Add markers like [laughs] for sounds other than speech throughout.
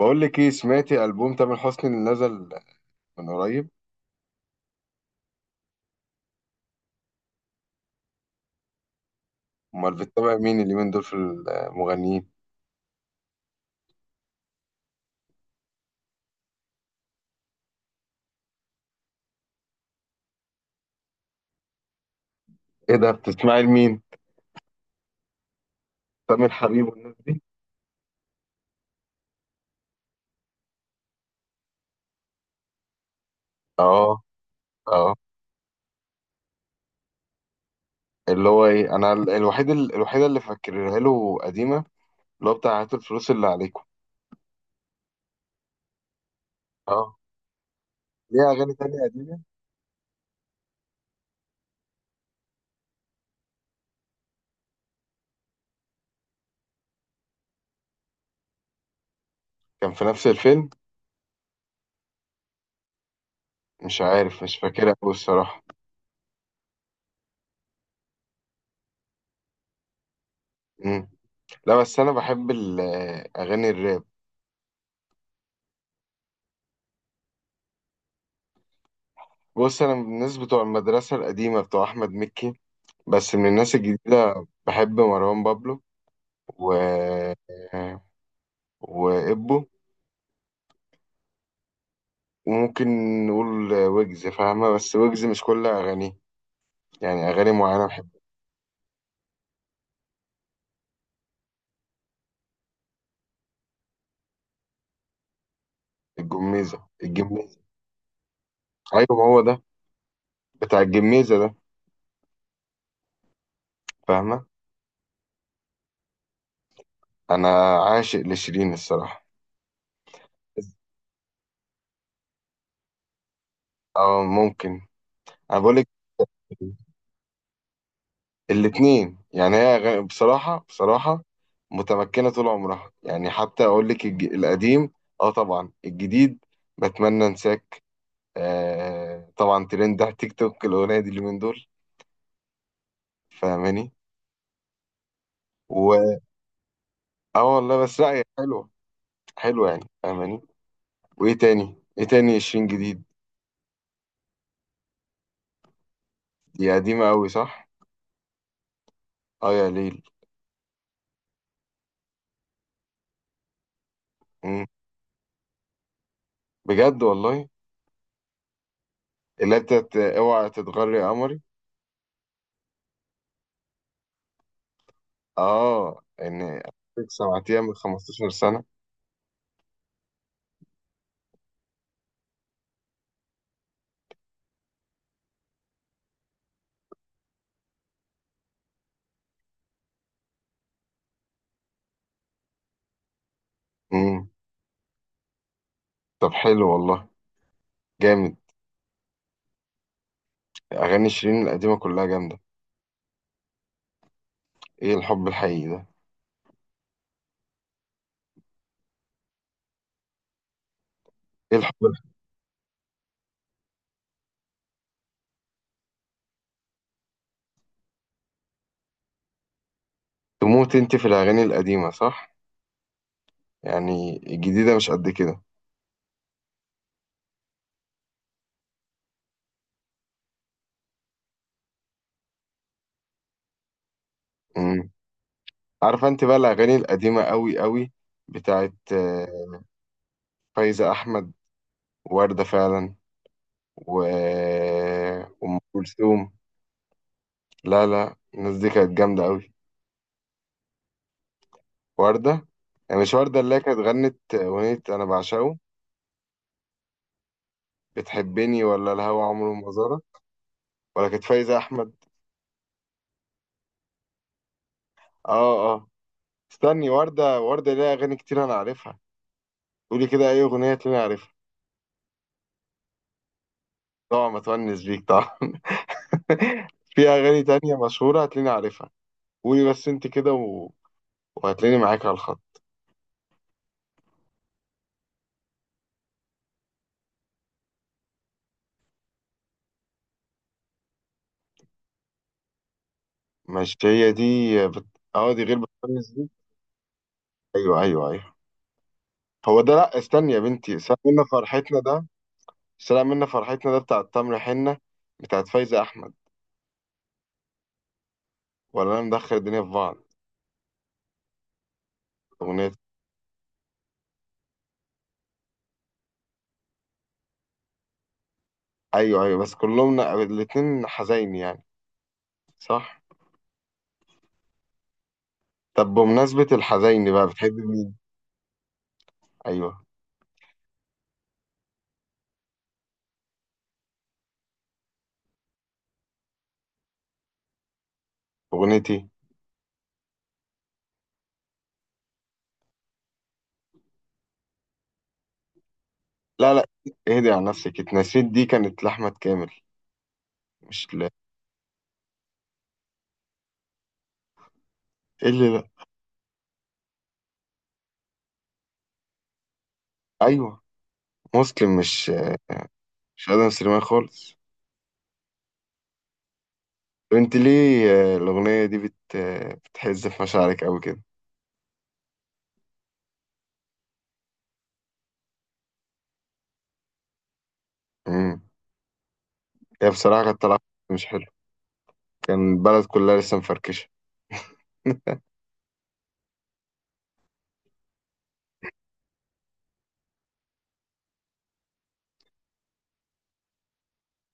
بقول لك ايه، سمعتي ألبوم تامر حسني اللي نزل من قريب؟ امال بتتابع مين اليومين دول في المغنيين؟ ايه ده، بتسمعي لمين؟ تامر حبيب والناس دي؟ اه. اه. اللي هو ايه، انا الوحيده اللي فاكرها له قديمه، اللي هو بتاع هات الفلوس اللي عليكم. اه. ليه اغاني تانية قديمه؟ كان في نفس الفيلم؟ مش عارف، مش فاكرها قوي الصراحه. مم. لا بس انا بحب اغاني الراب. بص، انا من الناس بتوع المدرسه القديمه بتوع احمد مكي، بس من الناس الجديده بحب مروان بابلو و... وإبو، وممكن نقول ويجز، فاهمة؟ بس ويجز مش كل أغانيه، يعني أغاني معينة بحب. الجميزة الجميزة. أيوة، ما هو ده بتاع الجميزة ده، فاهمة؟ أنا عاشق لشيرين الصراحة. أه ممكن. أنا بقولك الاتنين يعني، هي أغاني بصراحة بصراحة متمكنة طول عمرها، يعني حتى أقول لك القديم، أه طبعا الجديد بتمنى أنساك، آه طبعا ترند على تيك توك الأغنية دي اليومين دول، فاهماني؟ و اه والله، بس لا هي حلوة. حلوة يعني، فاهماني؟ وايه تاني؟ ايه تاني عشرين جديد؟ دي قديمة قوي، صح. اه يا ليل. مم. بجد والله. اللي انت اوعى تتغري يا قمري. اه، ان سمعتيها من 15 سنة. مم. طب حلو والله، جامد. اغاني شيرين القديمة كلها جامدة. ايه الحب الحقيقي ده؟ ايه الحب الحقيقي؟ تموت انت في الاغاني القديمة، صح؟ يعني الجديدة مش قد كده؟ عارفه انت بقى الاغاني القديمه قوي قوي بتاعت فايزه احمد، وورده فعلا، و ام كلثوم. لا لا، الناس دي كانت جامده قوي. ورده، يعني مش ورده اللي هي كانت غنت اغنيه انا بعشقه بتحبني، ولا الهوى عمره ما زارك، ولا كانت فايزه احمد؟ اه اه، استني. ورده ورده ليها اغاني كتير انا عارفها، قولي كده اي اغنيه تلاقيني عارفها. طبعا، ما تونس بيك طبعا. [laughs] في اغاني تانية مشهوره هتلاقيني عارفها، قولي بس انت كده وهتلاقيني معاك على الخط. ماشي هي دي. بت... اه، دي غير بتميز دي. ايوه ايوه ايوه، هو ده. لا استني يا بنتي، سلام منا فرحتنا ده؟ سلام منا فرحتنا ده بتاع التمر حنة بتاعت فايزة احمد، ولا انا مدخل الدنيا في بعض؟ اغنية. ايوه ايوه، بس كلهم الاتنين حزين يعني، صح. طب بمناسبة الحزين بقى، بتحب مين؟ ايوه، اغنيتي. لا لا، اهدي على نفسك، اتنسيت دي كانت لأحمد كامل، مش ل... ايه اللي لا؟ ايوه، مسلم، مش ادم سليمان خالص. وانت ليه الأغنية دي بت آه، بتحز في مشاعرك أوي كده؟ امم هي بصراحة كانت طالعة مش حلو، كان البلد كلها لسه مفركشة. [laughs]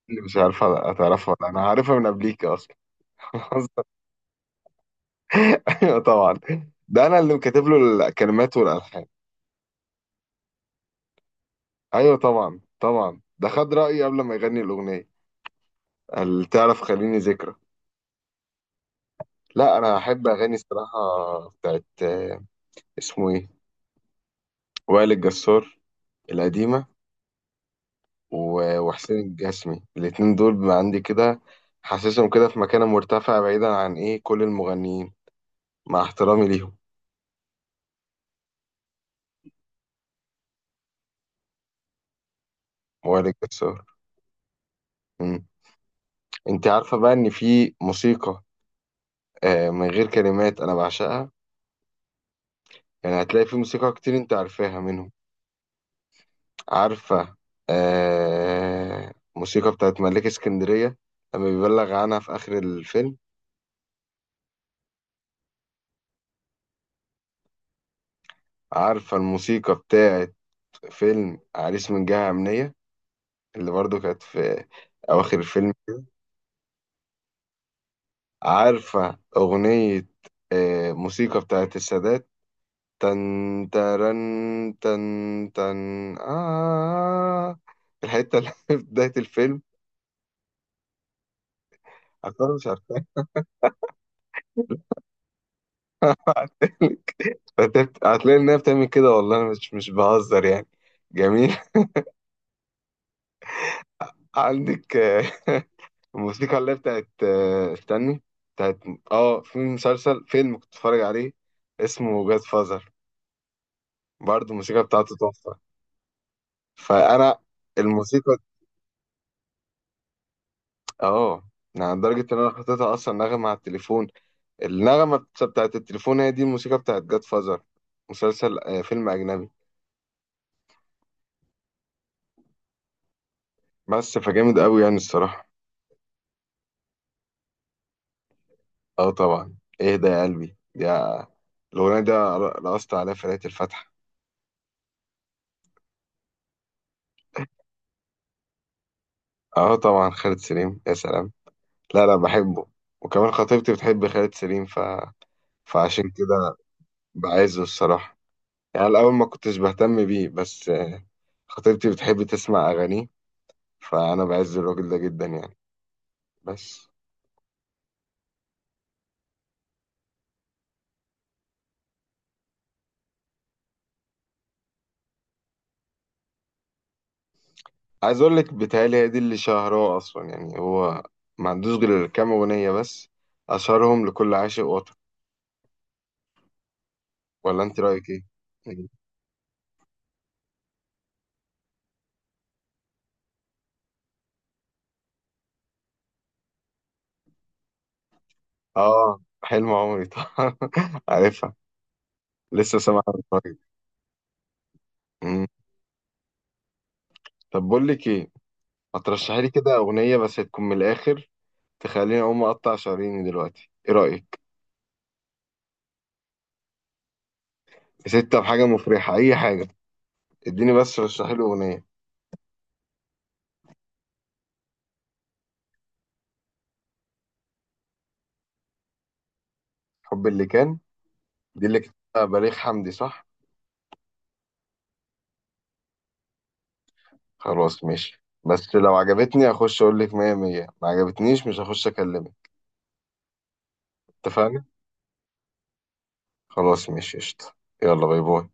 اللي مش عارفة هتعرفها ولا أنا عارفها من قبليك أصلا. [laughs] أيوة طبعا، ده أنا اللي كاتب له الكلمات والألحان. أيوة طبعا طبعا، ده خد رأيي قبل ما يغني الأغنية، قال تعرف خليني ذكرى. لا أنا أحب أغاني الصراحة بتاعت اسمه إيه، وائل الجسار، القديمة. وحسين الجسمي، الاتنين دول بقى عندي كده، حاسسهم كده في مكان مرتفع بعيدا عن ايه كل المغنيين، مع احترامي ليهم. وائل جسار. مم. انت عارفة بقى ان في موسيقى من غير كلمات انا بعشقها؟ يعني هتلاقي في موسيقى كتير انت عارفاها منهم. عارفة موسيقى بتاعت ملاك اسكندرية لما بيبلغ عنها في اخر الفيلم؟ عارفة الموسيقى بتاعت فيلم عريس من جهة أمنية، اللي برضو كانت في أواخر الفيلم؟ عارفة أغنية موسيقى بتاعت السادات؟ تن ترن تن تن آه. الحتة اللي في بداية الفيلم، عارفها مش عارفها؟ هتلاقي إنها بتعمل كده، والله أنا مش بهزر يعني، جميل. [laughs] عندك [laughs] الموسيقى اللي هي بتاعت استني، بتاعت في مسلسل فيلم كنت بتفرج عليه اسمه جاد فازر، برضه الموسيقى بتاعته تحفة. فأنا الموسيقى، اه يعني لدرجة إن أنا حطيتها أصلا نغمة على التليفون. النغمة بتاعت التليفون هي دي الموسيقى بتاعت جاد فازر. مسلسل فيلم أجنبي، بس فجامد أوي يعني الصراحة. اه طبعا، اهدى يا قلبي يا، الأغنية دي رقصت عليها في ليلة الفتح. اه طبعا، خالد سليم يا سلام. لا لا بحبه، وكمان خطيبتي بتحب خالد سليم فعشان كده بعزه الصراحة. يعني الأول ما كنتش بهتم بيه، بس خطيبتي بتحب تسمع أغانيه، فأنا بعز الراجل ده جدا يعني. بس عايز اقول لك بيتهيألي هي دي اللي شهرها اصلا يعني، هو ما عندوش غير كام اغنيه بس، اشهرهم لكل عاشق وطن. ولا انت رايك ايه؟ إيه. اه، حلم عمري طبعا. [laughs] عارفها، لسه سامعها من قريب. أمم. طب بقول لك ايه، ما ترشحي لي كده اغنيه بس تكون من الاخر، تخليني اقوم اقطع شراييني دلوقتي، ايه رايك؟ يا ستة بحاجه مفرحه، اي حاجه، اديني بس رشحي لي اغنيه. حب اللي كان، دي اللي كتبها بليغ حمدي صح؟ خلاص ماشي، بس لو عجبتني هخش اقول لك مية مية، ما عجبتنيش مش هخش اكلمك، اتفقنا؟ خلاص ماشي قشطة. يلا باي باي.